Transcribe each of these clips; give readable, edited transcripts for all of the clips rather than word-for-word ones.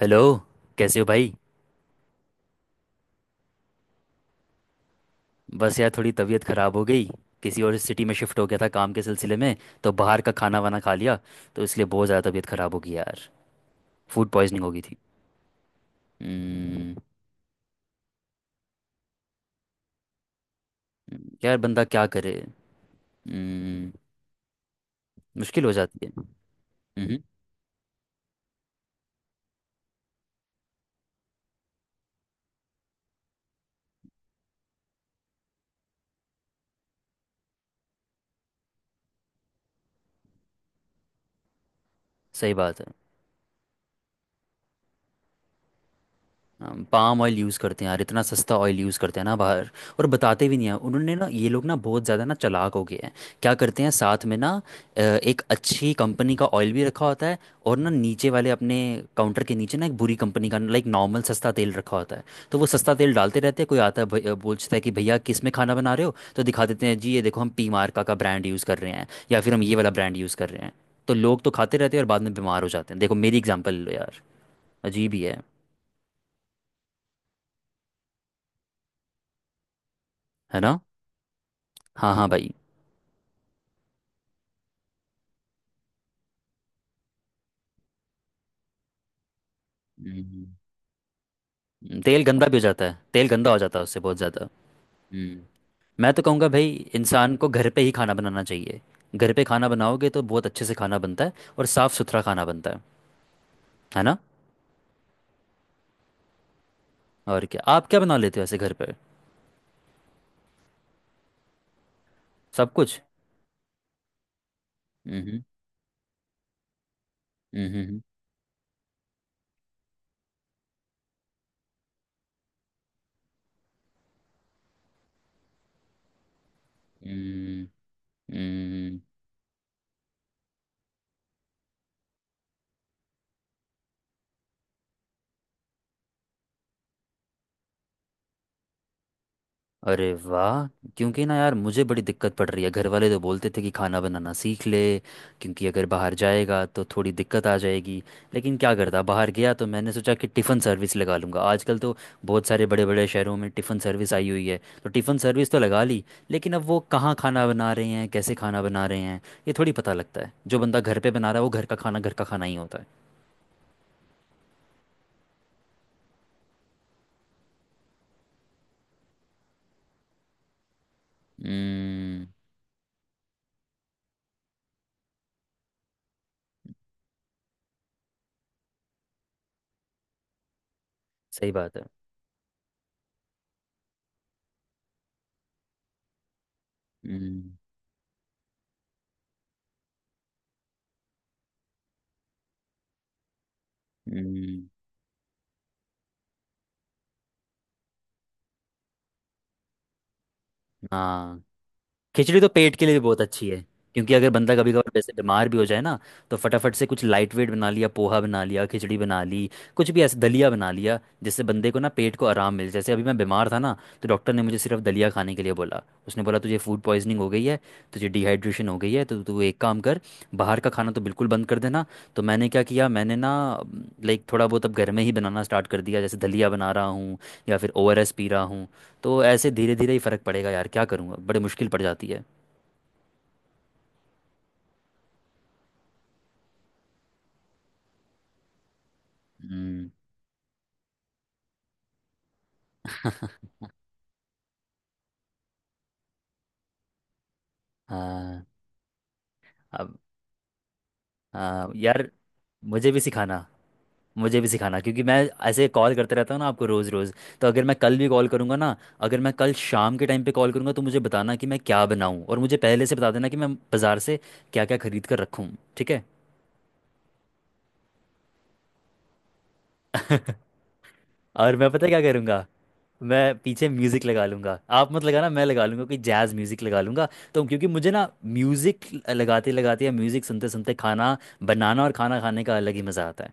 Hello. कैसे हो भाई। बस यार, थोड़ी तबीयत ख़राब हो गई। किसी और सिटी में शिफ्ट हो गया था काम के सिलसिले में, तो बाहर का खाना वाना खा लिया, तो इसलिए बहुत ज़्यादा तबीयत ख़राब हो गई यार। फूड पॉइजनिंग हो गई थी। हम्म। यार बंदा क्या करे। हम्म। मुश्किल हो जाती है। हम्म। सही बात है। हम पाम ऑयल यूज़ करते हैं यार, इतना सस्ता ऑयल यूज़ करते हैं ना बाहर। और बताते भी नहीं हैं उन्होंने ना, ये लोग ना बहुत ज़्यादा ना चालाक हो गए हैं। क्या करते हैं साथ में ना, एक अच्छी कंपनी का ऑयल भी रखा होता है। और ना नीचे वाले अपने काउंटर के नीचे ना एक बुरी कंपनी का, लाइक, नॉर्मल सस्ता तेल रखा होता है। तो वो सस्ता तेल डालते रहते हैं। कोई आता है, पूछता है कि भैया किस में खाना बना रहे हो, तो दिखा देते हैं जी ये देखो हम पी मार्का का ब्रांड यूज़ कर रहे हैं, या फिर हम ये वाला ब्रांड यूज़ कर रहे हैं। तो लोग तो खाते रहते हैं और बाद में बीमार हो जाते हैं। देखो मेरी एग्जाम्पल लो यार। अजीब ही है। है ना। हाँ हाँ भाई। हम्म। तेल गंदा भी हो जाता है, तेल गंदा हो जाता है उससे बहुत ज़्यादा। हम्म। मैं तो कहूँगा भाई इंसान को घर पे ही खाना बनाना चाहिए। घर पे खाना बनाओगे तो बहुत अच्छे से खाना बनता है। और साफ़ सुथरा खाना बनता है। है ना। और क्या आप क्या बना लेते हो ऐसे घर पे। सब कुछ। हम्म। हम्म। हम्म। हम्म। हम्म। अरे वाह। क्योंकि ना यार मुझे बड़ी दिक्कत पड़ रही है, घर वाले तो बोलते थे कि खाना बनाना सीख ले। क्योंकि अगर बाहर जाएगा तो थोड़ी दिक्कत आ जाएगी। लेकिन क्या करता, बाहर गया तो मैंने सोचा कि टिफ़िन सर्विस लगा लूँगा। आजकल तो बहुत सारे बड़े बड़े शहरों में टिफ़िन सर्विस आई हुई है, तो टिफ़िन सर्विस तो लगा ली। लेकिन अब वो कहाँ खाना बना रहे हैं, कैसे खाना बना रहे हैं, ये थोड़ी पता लगता है। जो बंदा घर पे बना रहा है, वो घर का खाना, घर का खाना ही होता है। हम्म। सही बात है। हम्म। हम्म। हाँ। खिचड़ी तो पेट के लिए भी बहुत अच्छी है। क्योंकि अगर बंदा कभी कभार वैसे बीमार भी हो जाए ना, तो फटाफट से कुछ लाइट वेट बना लिया, पोहा बना लिया, खिचड़ी बना ली, कुछ भी ऐसे दलिया बना लिया, जिससे बंदे को ना पेट को आराम मिले। जैसे अभी मैं बीमार था ना, तो डॉक्टर ने मुझे सिर्फ दलिया खाने के लिए बोला। उसने बोला तुझे फूड पॉइजनिंग हो गई है, तुझे डिहाइड्रेशन हो गई है, तो तू एक काम कर, बाहर का खाना तो बिल्कुल बंद कर देना। तो मैंने क्या किया, मैंने ना लाइक थोड़ा बहुत अब घर में ही बनाना स्टार्ट कर दिया, जैसे दलिया बना रहा हूँ, या फिर ओआरएस पी रहा हूँ। तो ऐसे धीरे धीरे ही फ़र्क पड़ेगा यार, क्या करूँगा, बड़ी मुश्किल पड़ जाती है। हम्म। हाँ। अब। हाँ यार। मुझे भी सिखाना। मुझे भी सिखाना क्योंकि मैं ऐसे कॉल करते रहता हूँ ना आपको रोज़ रोज़। तो अगर मैं कल भी कॉल करूँगा ना, अगर मैं कल शाम के टाइम पे कॉल करूँगा तो मुझे बताना कि मैं क्या बनाऊँ, और मुझे पहले से बता देना कि मैं बाज़ार से क्या क्या खरीद कर रखूँ। ठीक है। और मैं पता है क्या करूँगा। मैं पीछे म्यूजिक लगा लूंगा, आप मत लगाना, मैं लगा लूंगा कोई जैज म्यूजिक लगा लूंगा। तो क्योंकि मुझे ना म्यूजिक, लगाते लगाते या म्यूजिक सुनते सुनते खाना बनाना और खाना खाने का अलग ही मजा आता है।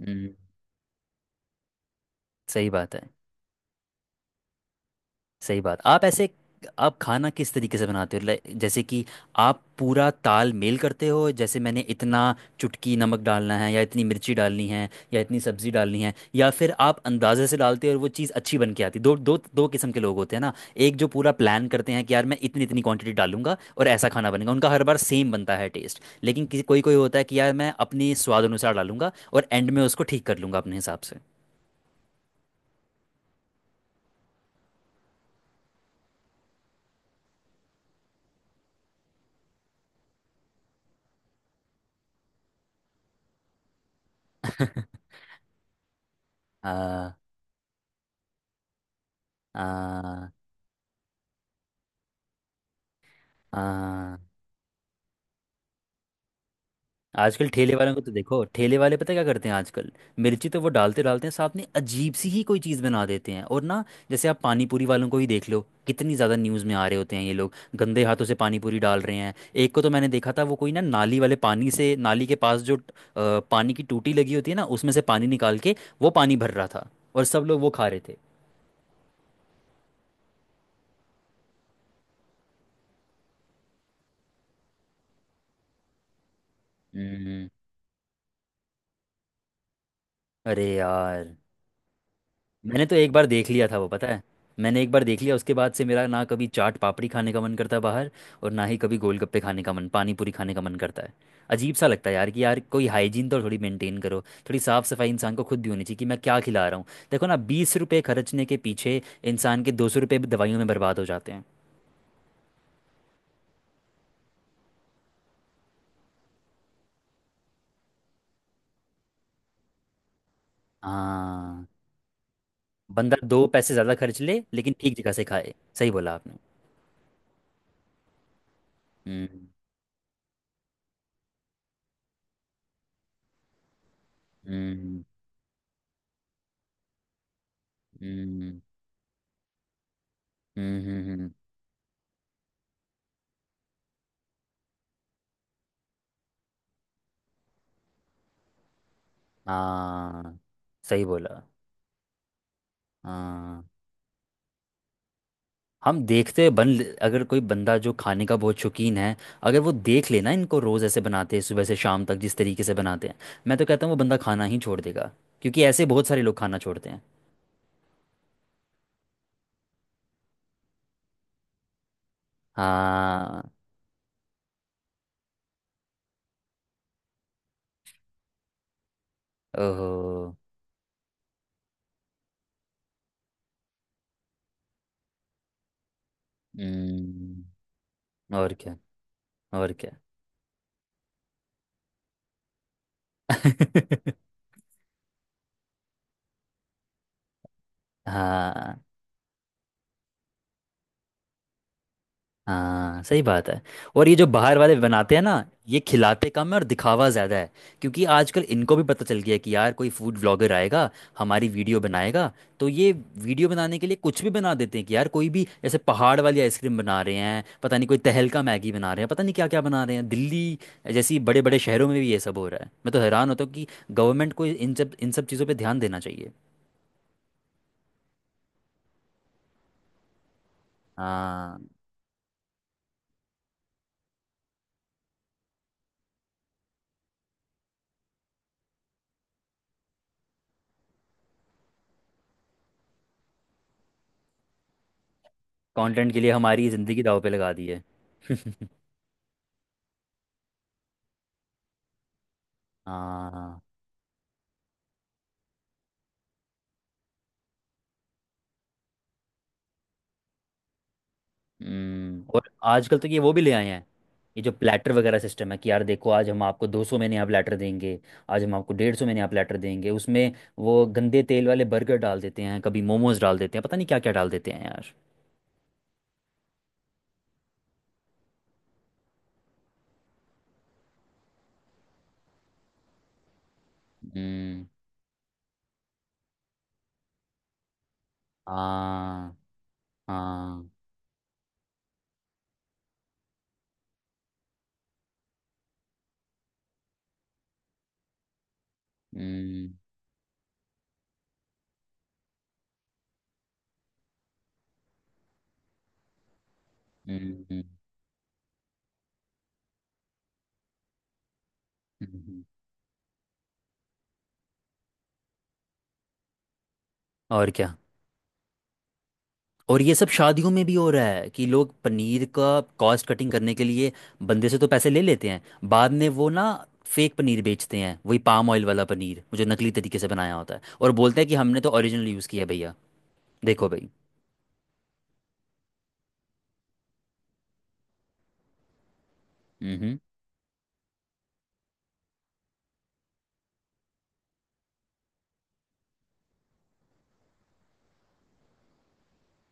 हम्म। सही बात है। सही बात, आप ऐसे आप खाना किस तरीके से बनाते हो? लाइक जैसे कि आप पूरा ताल मेल करते हो, जैसे मैंने इतना चुटकी नमक डालना है, या इतनी मिर्ची डालनी है, या इतनी सब्जी डालनी है, या फिर आप अंदाजे से डालते हो और वो चीज़ अच्छी बन के आती है। दो दो दो किस्म के लोग होते हैं ना। एक जो पूरा प्लान करते हैं कि यार मैं इतनी इतनी क्वांटिटी डालूंगा और ऐसा खाना बनेगा, उनका हर बार सेम बनता है टेस्ट। लेकिन किसी कोई कोई होता है कि यार मैं अपने स्वाद अनुसार डालूंगा और एंड में उसको ठीक कर लूंगा अपने हिसाब से। आ, आ, आ, आजकल ठेले वालों को तो देखो, ठेले वाले पता है क्या करते हैं आजकल? मिर्ची तो वो डालते डालते हैं, साथ में अजीब सी ही कोई चीज़ बना देते हैं और ना। जैसे आप पानी पूरी वालों को ही देख लो, कितनी ज़्यादा न्यूज़ में आ रहे होते हैं, ये लोग गंदे हाथों से पानी पूरी डाल रहे हैं। एक को तो मैंने देखा था, वो कोई ना नाली वाले पानी से, नाली के पास जो पानी की टूटी लगी होती है ना, उसमें से पानी निकाल के वो पानी भर रहा था। और सब लोग वो खा रहे थे। हम्म। अरे यार। मैंने तो एक बार देख लिया था वो, पता है? मैंने एक बार देख लिया, उसके बाद से मेरा ना कभी चाट पापड़ी खाने का मन करता है बाहर, और ना ही कभी गोलगप्पे खाने का मन, पानी पूरी खाने का मन करता है। अजीब सा लगता है यार, कि यार कोई हाइजीन तो थोड़ी मेंटेन करो। थोड़ी साफ सफाई इंसान को खुद भी होनी चाहिए कि मैं क्या खिला रहा हूँ। देखो ना, 20 रुपये खर्चने के पीछे इंसान के 200 रुपये भी दवाइयों में बर्बाद हो जाते हैं। हाँ। बंदा दो पैसे ज़्यादा खर्च ले लेकिन ठीक जगह से खाए। सही बोला आपने। हम्म। हम्म। हम्म। हम्म। हम्म। हम्म। हाँ, सही बोला। हाँ। हम देखते हैं। बन अगर कोई बंदा जो खाने का बहुत शौकीन है, अगर वो देख लेना इनको रोज़ ऐसे बनाते हैं सुबह से शाम तक जिस तरीके से बनाते हैं, मैं तो कहता हूँ वो बंदा खाना ही छोड़ देगा। क्योंकि ऐसे बहुत सारे लोग खाना छोड़ते हैं। हाँ। ओहो। हम्म। और क्या। और क्या। हाँ। हाँ। सही बात है। और ये जो बाहर वाले बनाते हैं ना, ये खिलाते कम है और दिखावा ज़्यादा है। क्योंकि आजकल इनको भी पता चल गया है कि यार कोई फूड व्लॉगर आएगा, हमारी वीडियो बनाएगा। तो ये वीडियो बनाने के लिए कुछ भी बना देते हैं, कि यार कोई भी जैसे पहाड़ वाली आइसक्रीम बना रहे हैं, पता नहीं कोई तहलका मैगी बना रहे हैं, पता नहीं क्या क्या बना रहे हैं। दिल्ली जैसी बड़े बड़े शहरों में भी ये सब हो रहा है। मैं तो हैरान होता हूँ कि गवर्नमेंट को इन सब चीज़ों पर ध्यान देना चाहिए। हाँ। कंटेंट के लिए हमारी ज़िंदगी दाव पे लगा दी है। हाँ। हम्म। और आजकल तो ये, वो भी ले आए हैं, ये जो प्लेटर वगैरह सिस्टम है, कि यार देखो आज हम आपको 200 में नया प्लेटर देंगे, आज हम आपको 150 में नया प्लेटर देंगे। उसमें वो गंदे तेल वाले बर्गर डाल देते हैं, कभी मोमोज डाल देते हैं, पता नहीं क्या क्या डाल देते हैं यार। हम्म। हाँ। हाँ। हम्म। हम्म। हम्म। हम्म। हम्म। और क्या। और ये सब शादियों में भी हो रहा है कि लोग पनीर का कॉस्ट कटिंग करने के लिए बंदे से तो पैसे ले लेते हैं, बाद में वो ना फेक पनीर बेचते हैं, वही पाम ऑयल वाला पनीर, वो जो नकली तरीके से बनाया होता है, और बोलते हैं कि हमने तो ओरिजिनल यूज़ किया है भैया। देखो भाई। हम्म।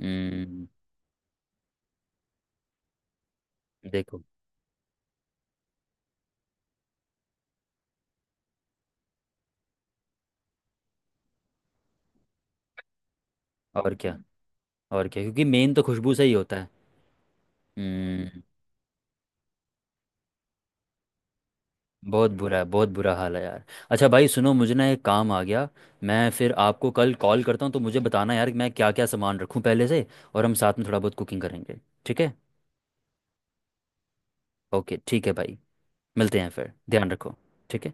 हम्म। हम्म। देखो। और क्या। और क्या, क्योंकि मेन तो खुशबू से ही होता है। हम्म। बहुत बुरा है, बहुत बुरा हाल है यार। अच्छा भाई सुनो, मुझे ना एक काम आ गया। मैं फिर आपको कल कॉल करता हूँ, तो मुझे बताना यार कि मैं क्या क्या सामान रखूँ पहले से। और हम साथ में थोड़ा बहुत कुकिंग करेंगे। ठीक है। ओके। ठीक है भाई। मिलते हैं फिर, ध्यान रखो। ठीक है।